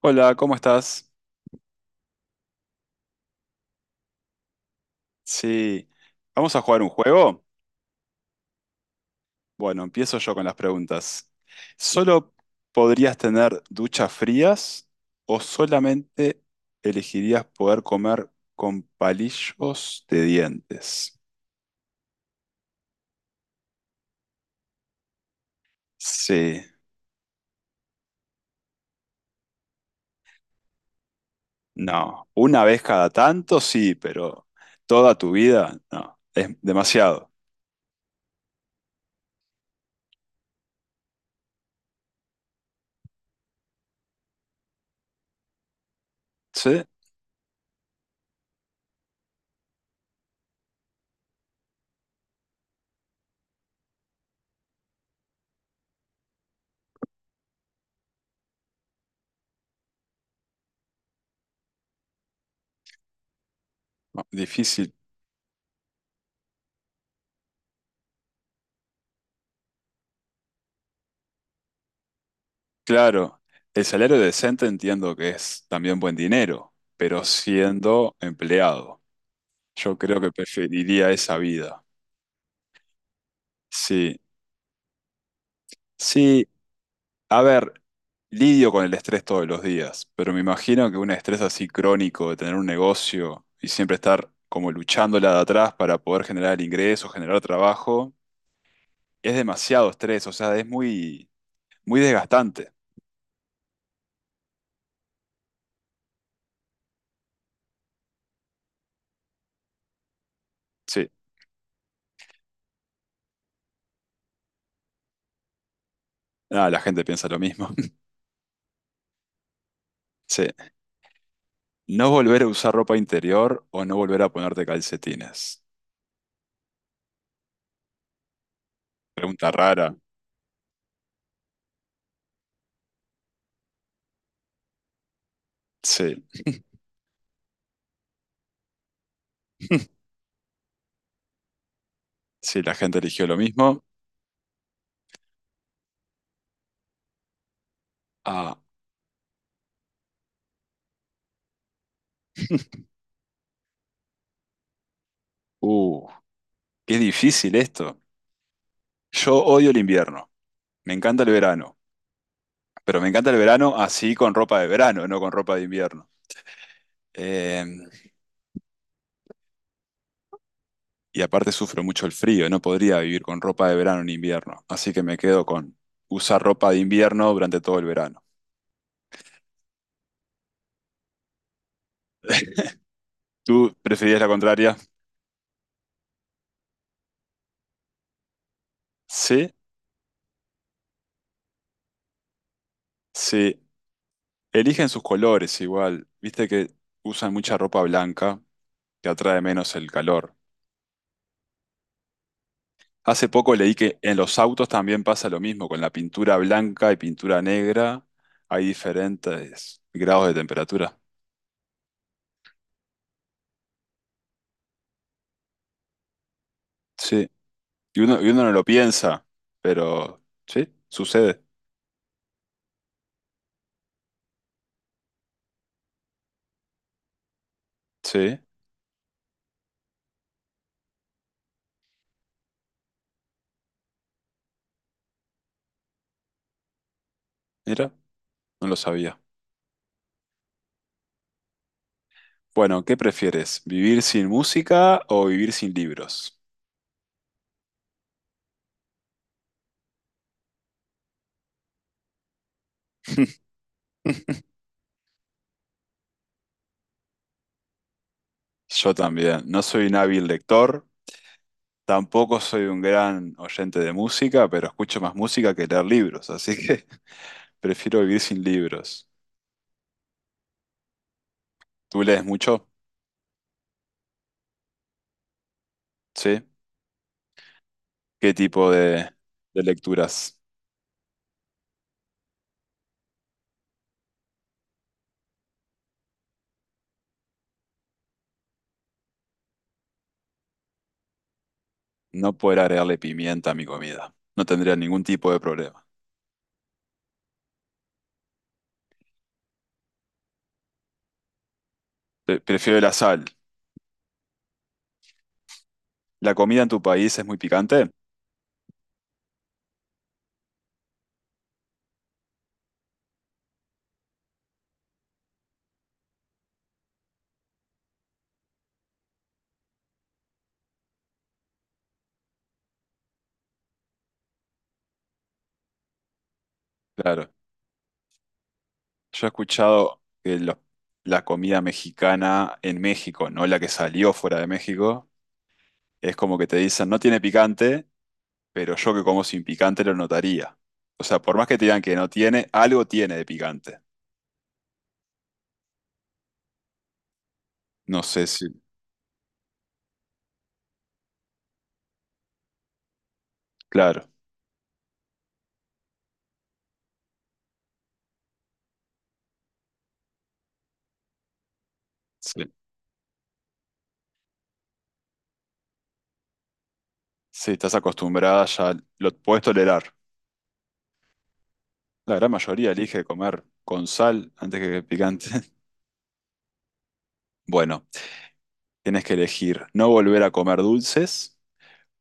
Hola, ¿cómo estás? Sí, ¿vamos a jugar un juego? Bueno, empiezo yo con las preguntas. ¿Solo podrías tener duchas frías o solamente elegirías poder comer con palillos de dientes? Sí, no. Una vez cada tanto, sí, pero toda tu vida, no. Es demasiado. Sí, difícil. Claro, el salario decente entiendo que es también buen dinero, pero siendo empleado, yo creo que preferiría esa vida. Sí, sí, a ver, lidio con el estrés todos los días, pero me imagino que un estrés así crónico de tener un negocio y siempre estar como luchándola de atrás para poder generar ingresos, generar trabajo, es demasiado estrés, o sea, es muy, muy desgastante. Sí, nada, la gente piensa lo mismo. Sí. No volver a usar ropa interior o no volver a ponerte calcetines. Pregunta rara. Sí, sí, la gente eligió lo mismo. Ah, uh, qué difícil esto. Yo odio el invierno. Me encanta el verano. Pero me encanta el verano así con ropa de verano, no con ropa de invierno. Eh, y aparte sufro mucho el frío. No podría vivir con ropa de verano en invierno. Así que me quedo con usar ropa de invierno durante todo el verano. ¿Tú preferías la contraria? Sí, sí. Eligen sus colores igual. Viste que usan mucha ropa blanca, que atrae menos el calor. Hace poco leí que en los autos también pasa lo mismo, con la pintura blanca y pintura negra hay diferentes grados de temperatura. Sí, y uno no lo piensa, pero sí, sucede. Sí, mira, no lo sabía. Bueno, ¿qué prefieres? ¿Vivir sin música o vivir sin libros? Yo también, no soy un hábil lector. Tampoco soy un gran oyente de música, pero escucho más música que leer libros, así que prefiero vivir sin libros. ¿Tú lees mucho? ¿Sí? ¿Qué tipo de lecturas? No poder agregarle pimienta a mi comida. No tendría ningún tipo de problema. Pre- Prefiero la sal. ¿La comida en tu país es muy picante? Claro. Yo he escuchado que lo- la comida mexicana en México, no la que salió fuera de México, es como que te dicen no tiene picante pero yo que como sin picante lo notaría. O sea, por más que te digan que no tiene, algo tiene de picante. No sé si, claro, sí, si estás acostumbrada ya lo puedes tolerar. La gran mayoría elige comer con sal antes que picante. Bueno, tienes que elegir no volver a comer dulces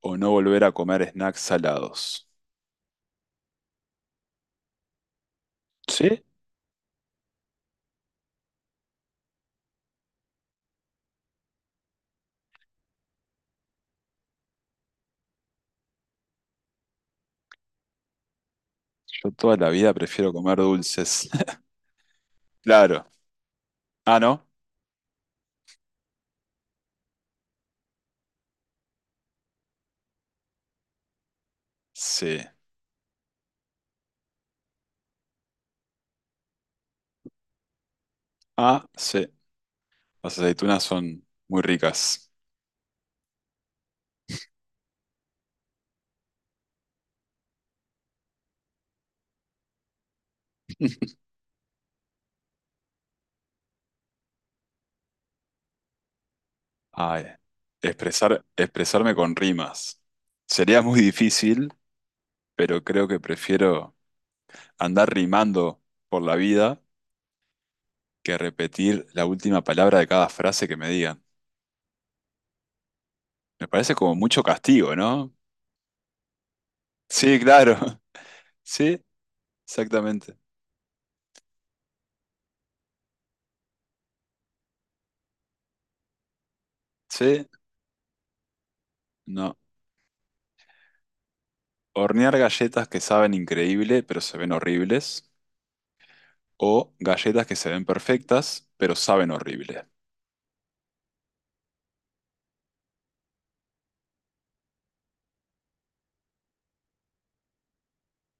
o no volver a comer snacks salados. ¿Sí? Yo toda la vida prefiero comer dulces. Claro. Ah, ¿no? Sí. Ah, sí. Las aceitunas son muy ricas. Ay, expresarme con rimas. Sería muy difícil, pero creo que prefiero andar rimando por la vida que repetir la última palabra de cada frase que me digan. Me parece como mucho castigo, ¿no? Sí, claro. Sí, exactamente. Sí, no. Hornear galletas que saben increíble, pero se ven horribles. O galletas que se ven perfectas, pero saben horrible.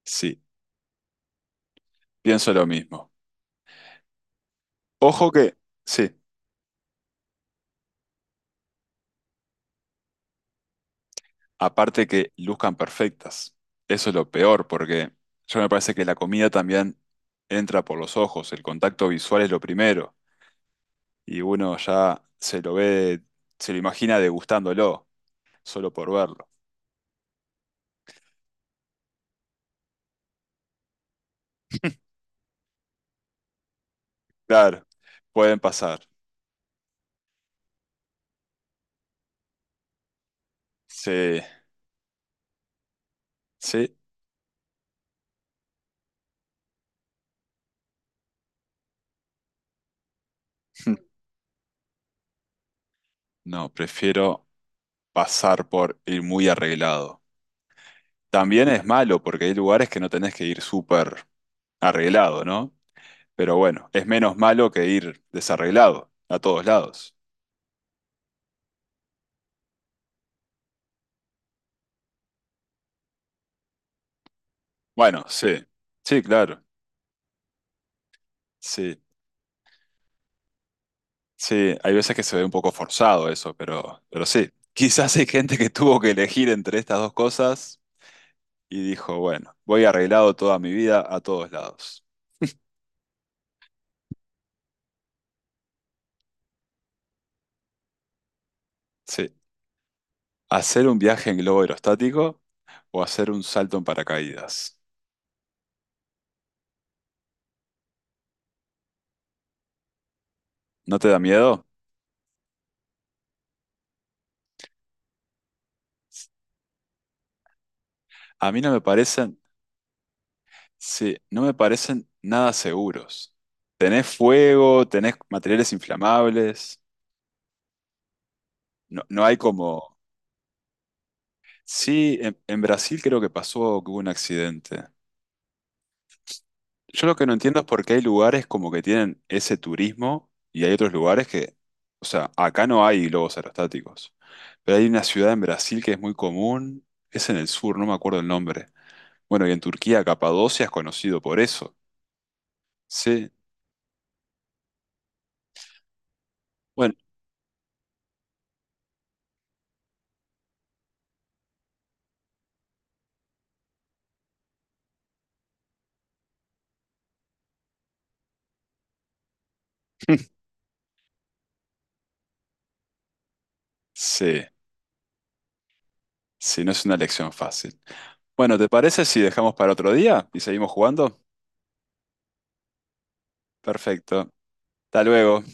Sí, pienso lo mismo. Ojo que... Sí. Aparte que luzcan perfectas. Eso es lo peor, porque yo me parece que la comida también entra por los ojos, el contacto visual es lo primero, y uno ya se lo ve, se lo imagina degustándolo, solo por verlo. Claro, pueden pasar. Sí, sí. No, prefiero pasar por ir muy arreglado. También es malo porque hay lugares que no tenés que ir súper arreglado, ¿no? Pero bueno, es menos malo que ir desarreglado a todos lados. Bueno, sí, sí, claro, sí, sí, hay veces que se ve un poco forzado eso, pero sí, quizás hay gente que tuvo que elegir entre estas dos cosas y dijo, bueno, voy arreglado toda mi vida a todos lados. Sí, hacer un viaje en globo aerostático o hacer un salto en paracaídas. ¿No te da miedo? A mí no me parecen, sí, no me parecen nada seguros. Tenés fuego, tenés materiales inflamables, no, no hay como... Sí, en Brasil creo que pasó que hubo un accidente. Yo lo que no entiendo es por qué hay lugares como que tienen ese turismo y hay otros lugares que, o sea, acá no hay globos aerostáticos, pero hay una ciudad en Brasil que es muy común, es en el sur, no me acuerdo el nombre. Bueno, y en Turquía, Capadocia es conocido por eso. Sí, bueno, sí, sí, no es una lección fácil. Bueno, ¿te parece si dejamos para otro día y seguimos jugando? Perfecto. Hasta luego.